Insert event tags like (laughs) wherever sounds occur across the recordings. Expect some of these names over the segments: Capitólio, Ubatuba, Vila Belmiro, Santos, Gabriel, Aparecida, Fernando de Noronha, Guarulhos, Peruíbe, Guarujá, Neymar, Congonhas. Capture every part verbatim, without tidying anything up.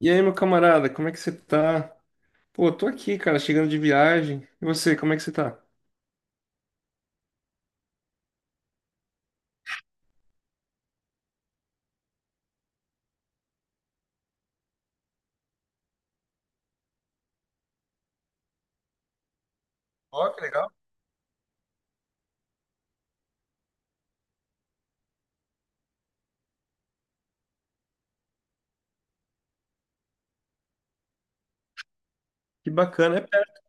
E aí, meu camarada, como é que você tá? Pô, tô aqui, cara, chegando de viagem. E você, como é que você tá? Ó, que legal. Que bacana, é perto.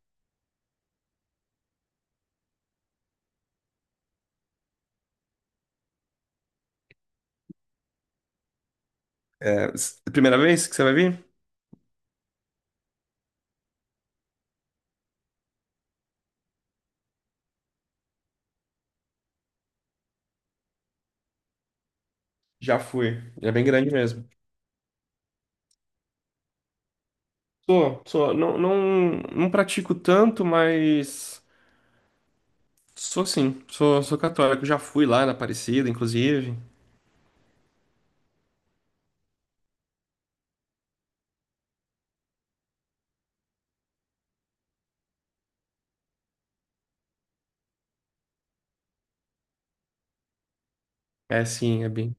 É, s- primeira vez que você vai vir? Já fui. É bem grande mesmo. Sou, sou. Não, não, não pratico tanto, mas sou sim. Sou, sou católico. Já fui lá na Aparecida, inclusive. É sim, é bem,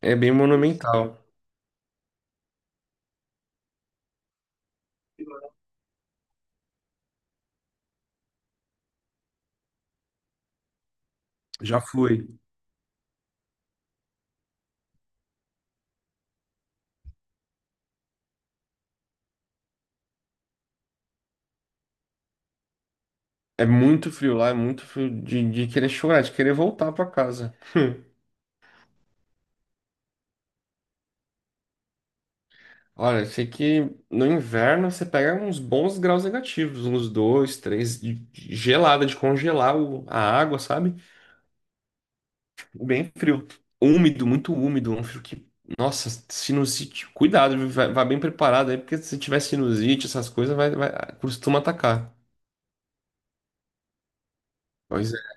é bem monumental. Já fui. É muito frio lá, é muito frio de, de querer chorar, de querer voltar pra casa. Olha, eu sei que no inverno você pega uns bons graus negativos, uns dois, três, de- de gelada, de congelar o- a água, sabe? Bem frio. Úmido, muito úmido, um frio que. Nossa, sinusite. Cuidado, viu? Vai, vai bem preparado aí, porque se tiver sinusite, essas coisas, vai, vai- costuma atacar. Pois é.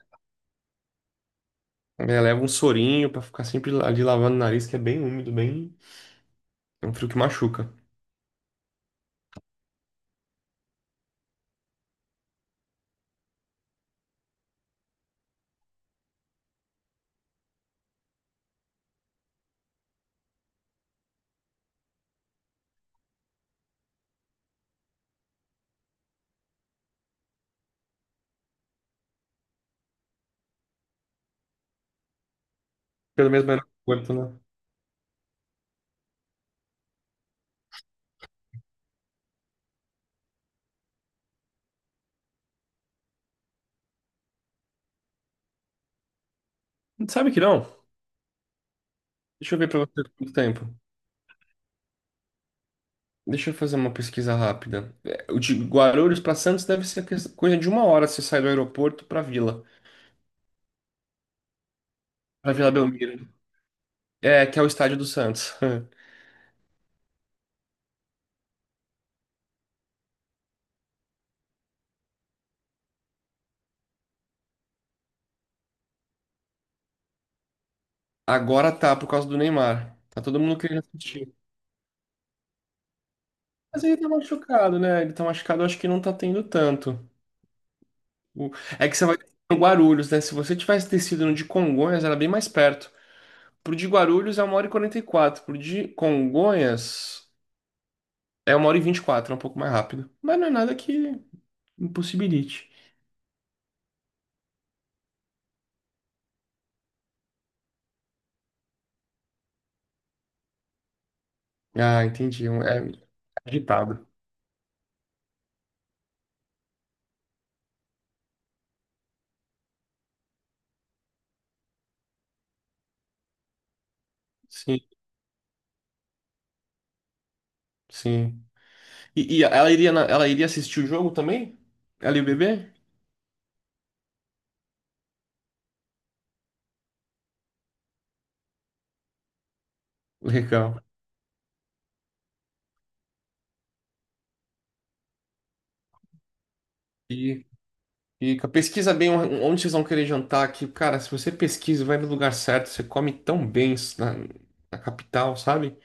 É, leva um sorinho pra ficar sempre ali lavando o nariz, que é bem úmido, bem. É um frio que machuca. Pelo menos vai no aeroporto, né? Sabe que não? Deixa eu ver pra você quanto tempo. Deixa eu fazer uma pesquisa rápida. É, o de Guarulhos para Santos deve ser que- coisa de uma hora se sai do aeroporto para Vila, para Vila Belmiro, é que é o estádio do Santos. (laughs) Agora tá por causa do Neymar. Tá todo mundo querendo assistir. Mas ele tá machucado, né? Ele tá machucado, eu acho que não tá tendo tanto. O- É que você vai no Guarulhos, né? Se você tivesse descido no de Congonhas, era bem mais perto. Pro de Guarulhos é uma hora e quarenta e quatro. Pro de Congonhas é uma hora e vinte e quatro, é um pouco mais rápido. Mas não é nada que impossibilite. Ah, entendi. Um- É agitado. Sim, sim. E, e ela iria, na- ela iria assistir o jogo também? Ela e o bebê? Legal. E, e pesquisa bem onde vocês vão querer jantar aqui. Cara, se você pesquisa, vai no lugar certo, você come tão bem na, na capital, sabe?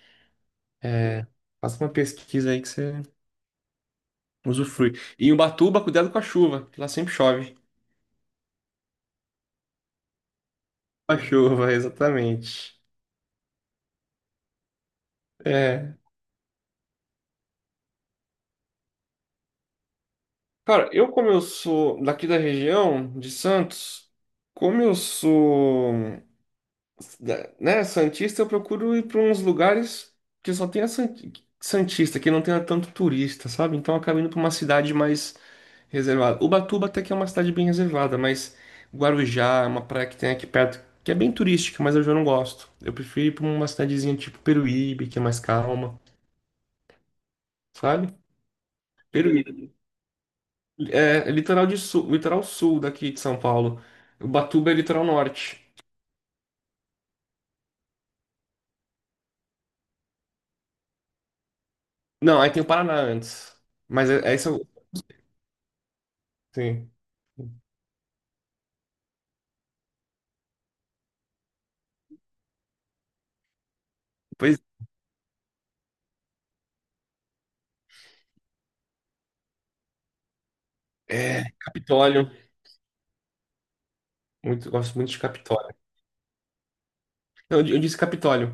É, faça uma pesquisa aí que você usufrui. E Ubatuba, cuidado com a chuva, que lá sempre chove. Com a chuva, (laughs) exatamente. É. Cara, eu como eu sou daqui da região de Santos, como eu sou, da- né, santista, eu procuro ir para uns lugares que só tenha san- santista, que não tenha tanto turista, sabe? Então eu acabo indo para uma cidade mais reservada. Ubatuba até que é uma cidade bem reservada, mas Guarujá é uma praia que tem aqui perto, que é bem turística, mas eu já não gosto. Eu prefiro ir para uma cidadezinha tipo Peruíbe, que é mais calma, sabe? Peruíbe. É, é litoral de sul, litoral sul daqui de São Paulo. Ubatuba é litoral norte. Não, aí tem o Paraná antes. Mas é, é isso. Sim. Pois é, Capitólio. Muito, gosto muito de Capitólio. Não, eu, eu disse Capitólio.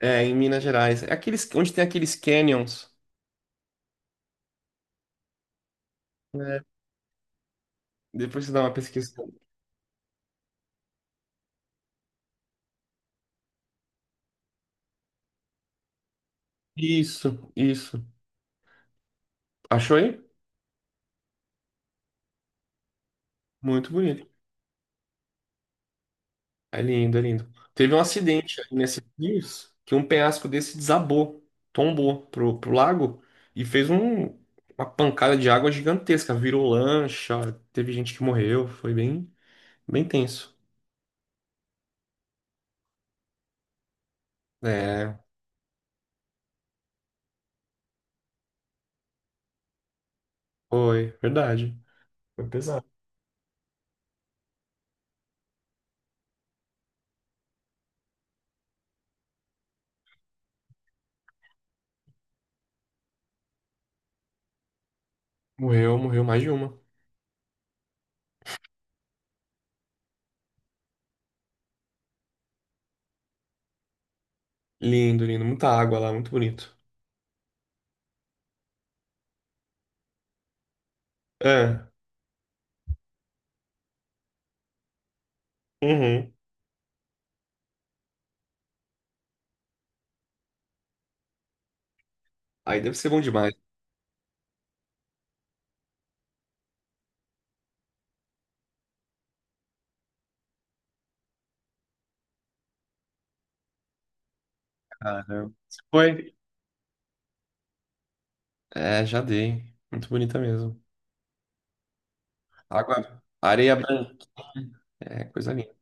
É, em Minas Gerais. É aqueles, onde tem aqueles canyons. É, depois você dá uma pesquisa. Isso, isso. Achou aí? Muito bonito. É lindo, é lindo. Teve um acidente aí nesses dias que um penhasco desse desabou, tombou pro, pro lago e fez um- uma pancada de água gigantesca, virou lancha, teve gente que morreu, foi bem, bem tenso. É, foi, verdade. Foi pesado. Morreu, morreu mais de uma. Lindo, lindo, muita água lá, muito bonito. É, uhum. Aí deve ser bom demais, cara. Você foi? É, já dei. Muito bonita mesmo. Água, areia branca, é coisa linda.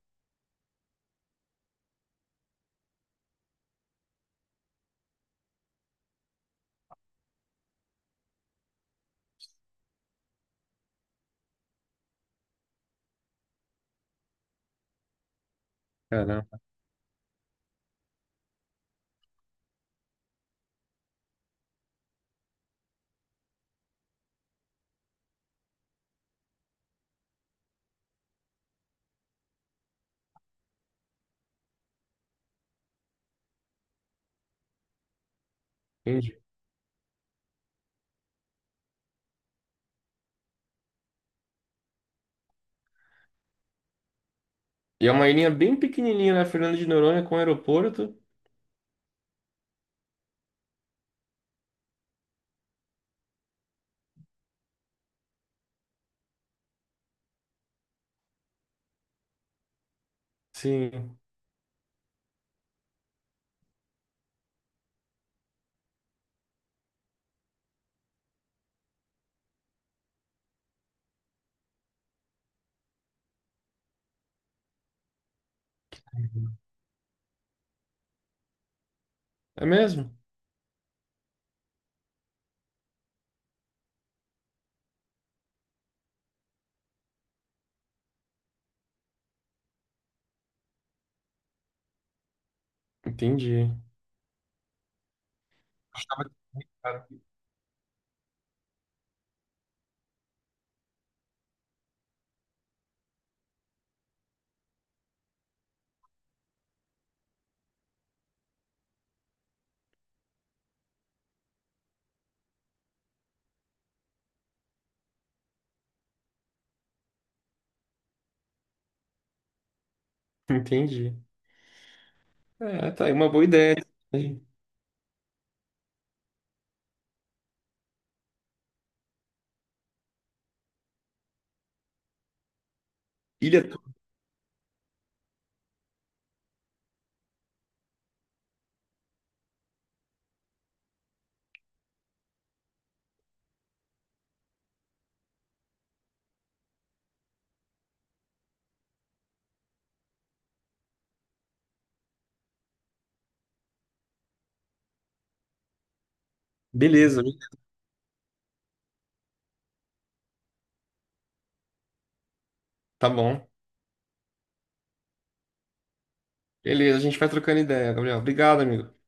Caramba, entendi. E é uma ilhinha bem pequenininha, né? Fernando de Noronha com aeroporto. Sim. É mesmo? Entendi. Estava- cara, (laughs) entendi. É, tá aí uma boa ideia. Ilha. Beleza. Tá bom. Beleza, a gente vai trocando ideia, Gabriel. Obrigado, amigo.